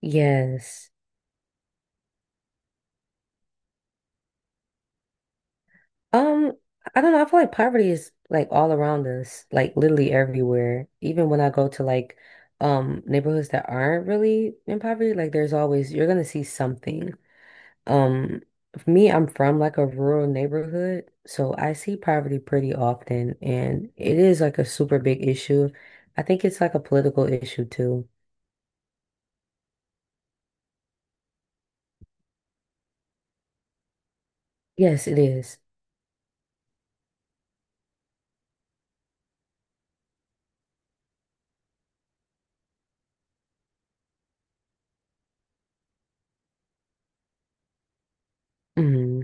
Yes. Um, I don't know. I feel like poverty is like all around us, like literally everywhere. Even when I go to like neighborhoods that aren't really in poverty, like there's always you're gonna see something. Um, for me, I'm from like a rural neighborhood, so I see poverty pretty often, and it is like a super big issue. I think it's like a political issue too. Yes, it is. Mhm.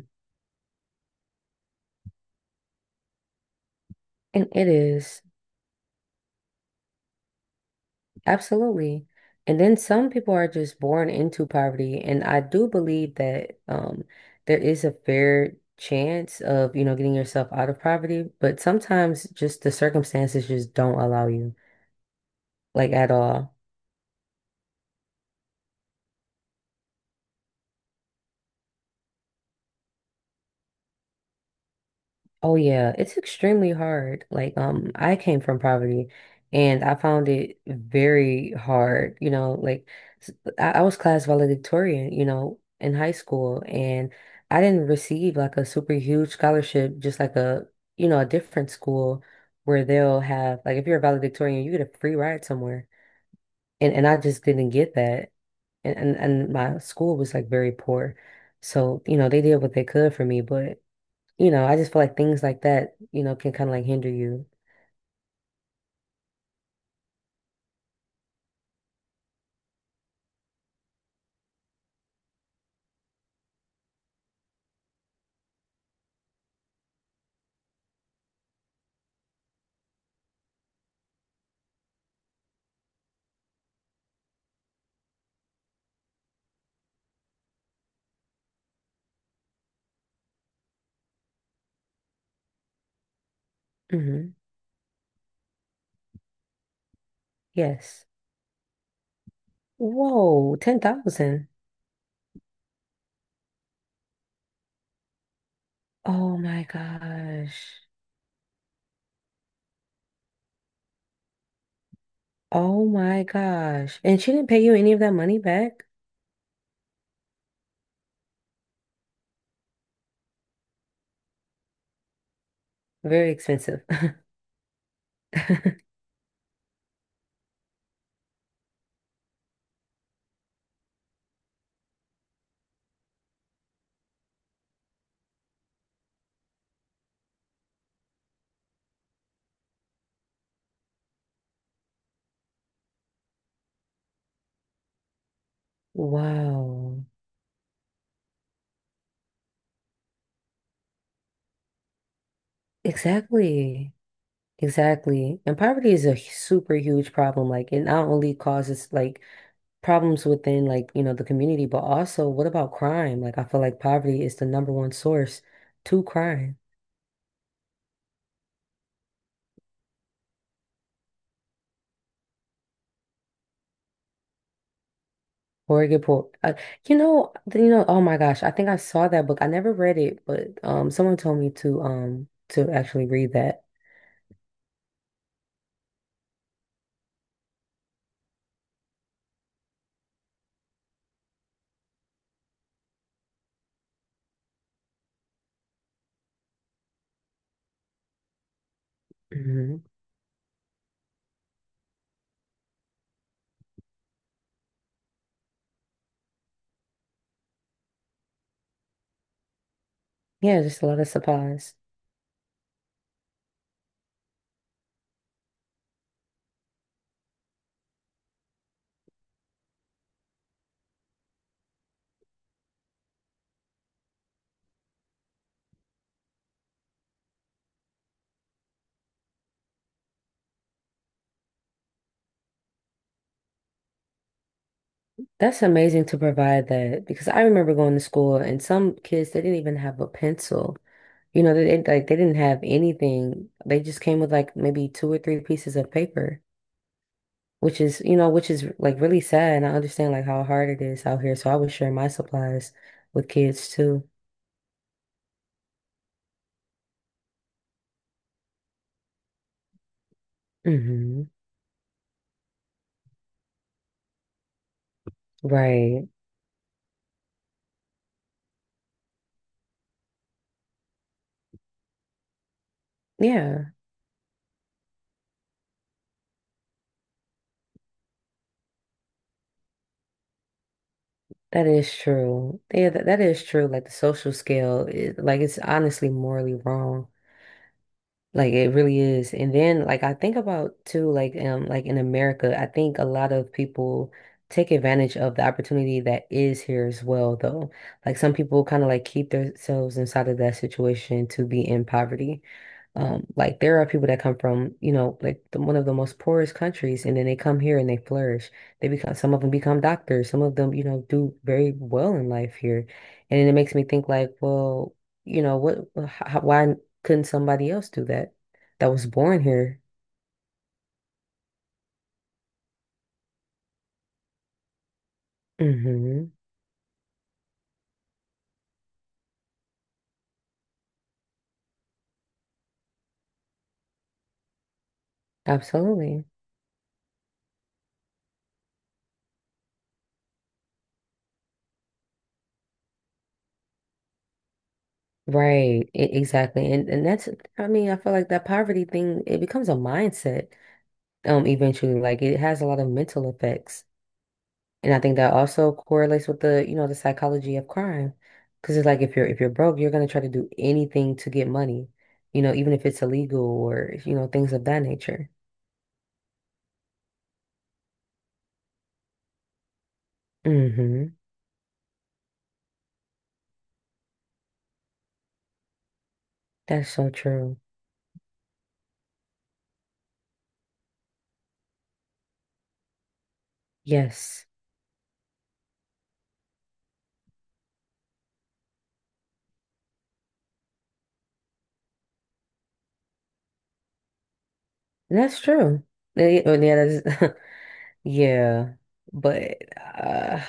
And it is. Absolutely. And then some people are just born into poverty. And I do believe that there is a fair chance of, you know, getting yourself out of poverty, but sometimes just the circumstances just don't allow you, like at all. Oh yeah, it's extremely hard. Like, I came from poverty and I found it very hard, you know, like s- I was class valedictorian, you know, in high school and I didn't receive like a super huge scholarship, just like a, you know, a different school where they'll have like if you're a valedictorian, you get a free ride somewhere. And I just didn't get that. And my school was like very poor. So, you know, they did what they could for me, but you know, I just feel like things like that, you know, can kind of like hinder you. Hmm. Yes. Whoa, 10,000. Oh my gosh. Oh my gosh. And she didn't pay you any of that money back? Very expensive. Wow. Exactly. Exactly. And poverty is a super huge problem. Like it not only causes like problems within like, you know, the community, but also what about crime? Like I feel like poverty is the number one source to crime. Horrible. You know, you know. Oh my gosh, I think I saw that book. I never read it, but someone told me to actually read that. Hmm. Yeah, just a lot of supplies. That's amazing to provide that because I remember going to school and some kids they didn't even have a pencil. You know, they didn't like they didn't have anything. They just came with like maybe two or three pieces of paper, which is, you know, which is like really sad. And I understand like how hard it is out here. So I would share my supplies with kids too. Hmm. Right. Yeah, that is true. Yeah, that is true. Like the social scale is like it's honestly morally wrong. Like it really is. And then like I think about too, like in America, I think a lot of people take advantage of the opportunity that is here as well though. Like some people kind of like keep themselves inside of that situation to be in poverty. Like there are people that come from, you know, like the, one of the most poorest countries, and then they come here and they flourish. They become some of them become doctors, some of them, you know, do very well in life here, and then it makes me think like, well, you know, what, how, why couldn't somebody else do that? That was born here. Mm-hmm. Absolutely. Right, exactly. And that's I mean, I feel like that poverty thing, it becomes a mindset eventually. Like it has a lot of mental effects. And I think that also correlates with the, you know, the psychology of crime. Because it's like if you're broke, you're gonna try to do anything to get money, you know, even if it's illegal or, you know, things of that nature. Hmm. That's so true. Yes. That's true. Yeah, yeah, yeah, yeah. But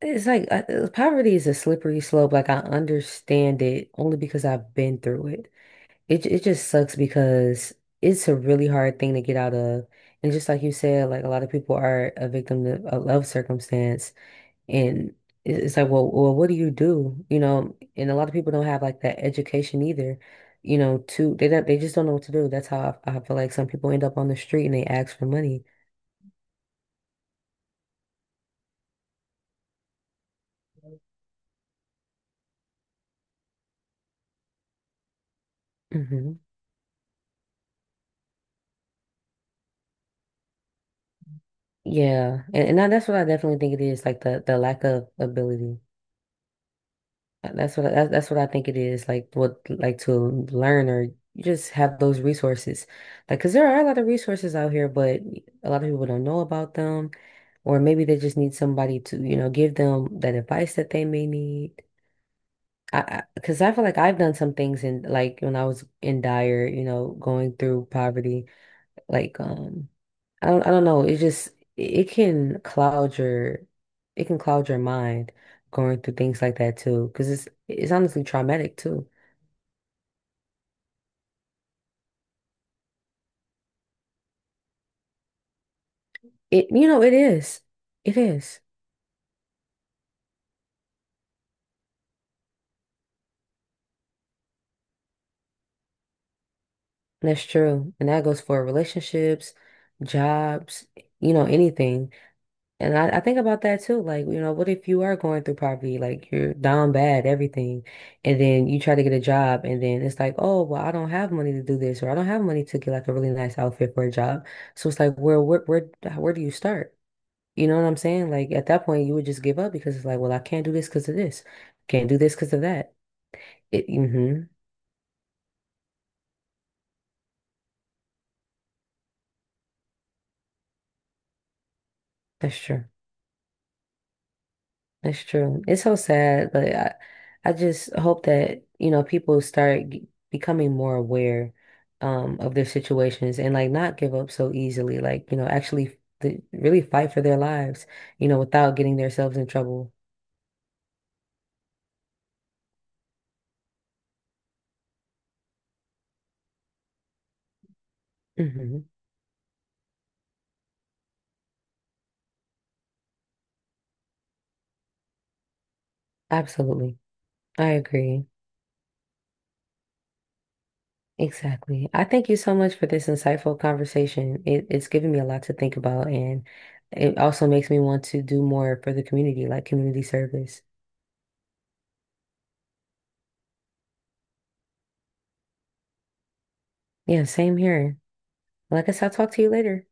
it's like poverty is a slippery slope. Like I understand it only because I've been through it. It just sucks because it's a really hard thing to get out of. And just like you said, like a lot of people are a victim of love circumstance. And it's like, well, well, what do? You know, and a lot of people don't have like that education either. You know, to they don't they just don't know what to do. That's how I feel like some people end up on the street and they ask for money. Hmm. Yeah. And that's what I definitely think it is, like the lack of ability. That's what that's what I think it is. Like what like to learn or you just have those resources. Like, because there are a lot of resources out here, but a lot of people don't know about them, or maybe they just need somebody to, you know, give them that advice that they may need. Because I feel like I've done some things in like when I was in dire, you know, going through poverty, like I don't know. It just it can cloud your it can cloud your mind going through things like that too. Because it's honestly traumatic too. It you know, it is. It is. That's true. And that goes for relationships, jobs, you know, anything. And I think about that too. Like, you know, what if you are going through poverty? Like, you're down bad, everything. And then you try to get a job, and then it's like, oh, well, I don't have money to do this, or I don't have money to get like a really nice outfit for a job. So it's like, where do you start? You know what I'm saying? Like, at that point, you would just give up because it's like, well, I can't do this because of this. Can't do this because of that. It, mm-hmm, that's true. That's true. It's so sad, but I just hope that, you know, people start becoming more aware of their situations and like not give up so easily. Like, you know, actually th really fight for their lives, you know, without getting themselves in trouble. Hmm. Absolutely. I agree. Exactly. I thank you so much for this insightful conversation. It's given me a lot to think about and it also makes me want to do more for the community, like community service. Yeah, same here. Like I guess I'll talk to you later.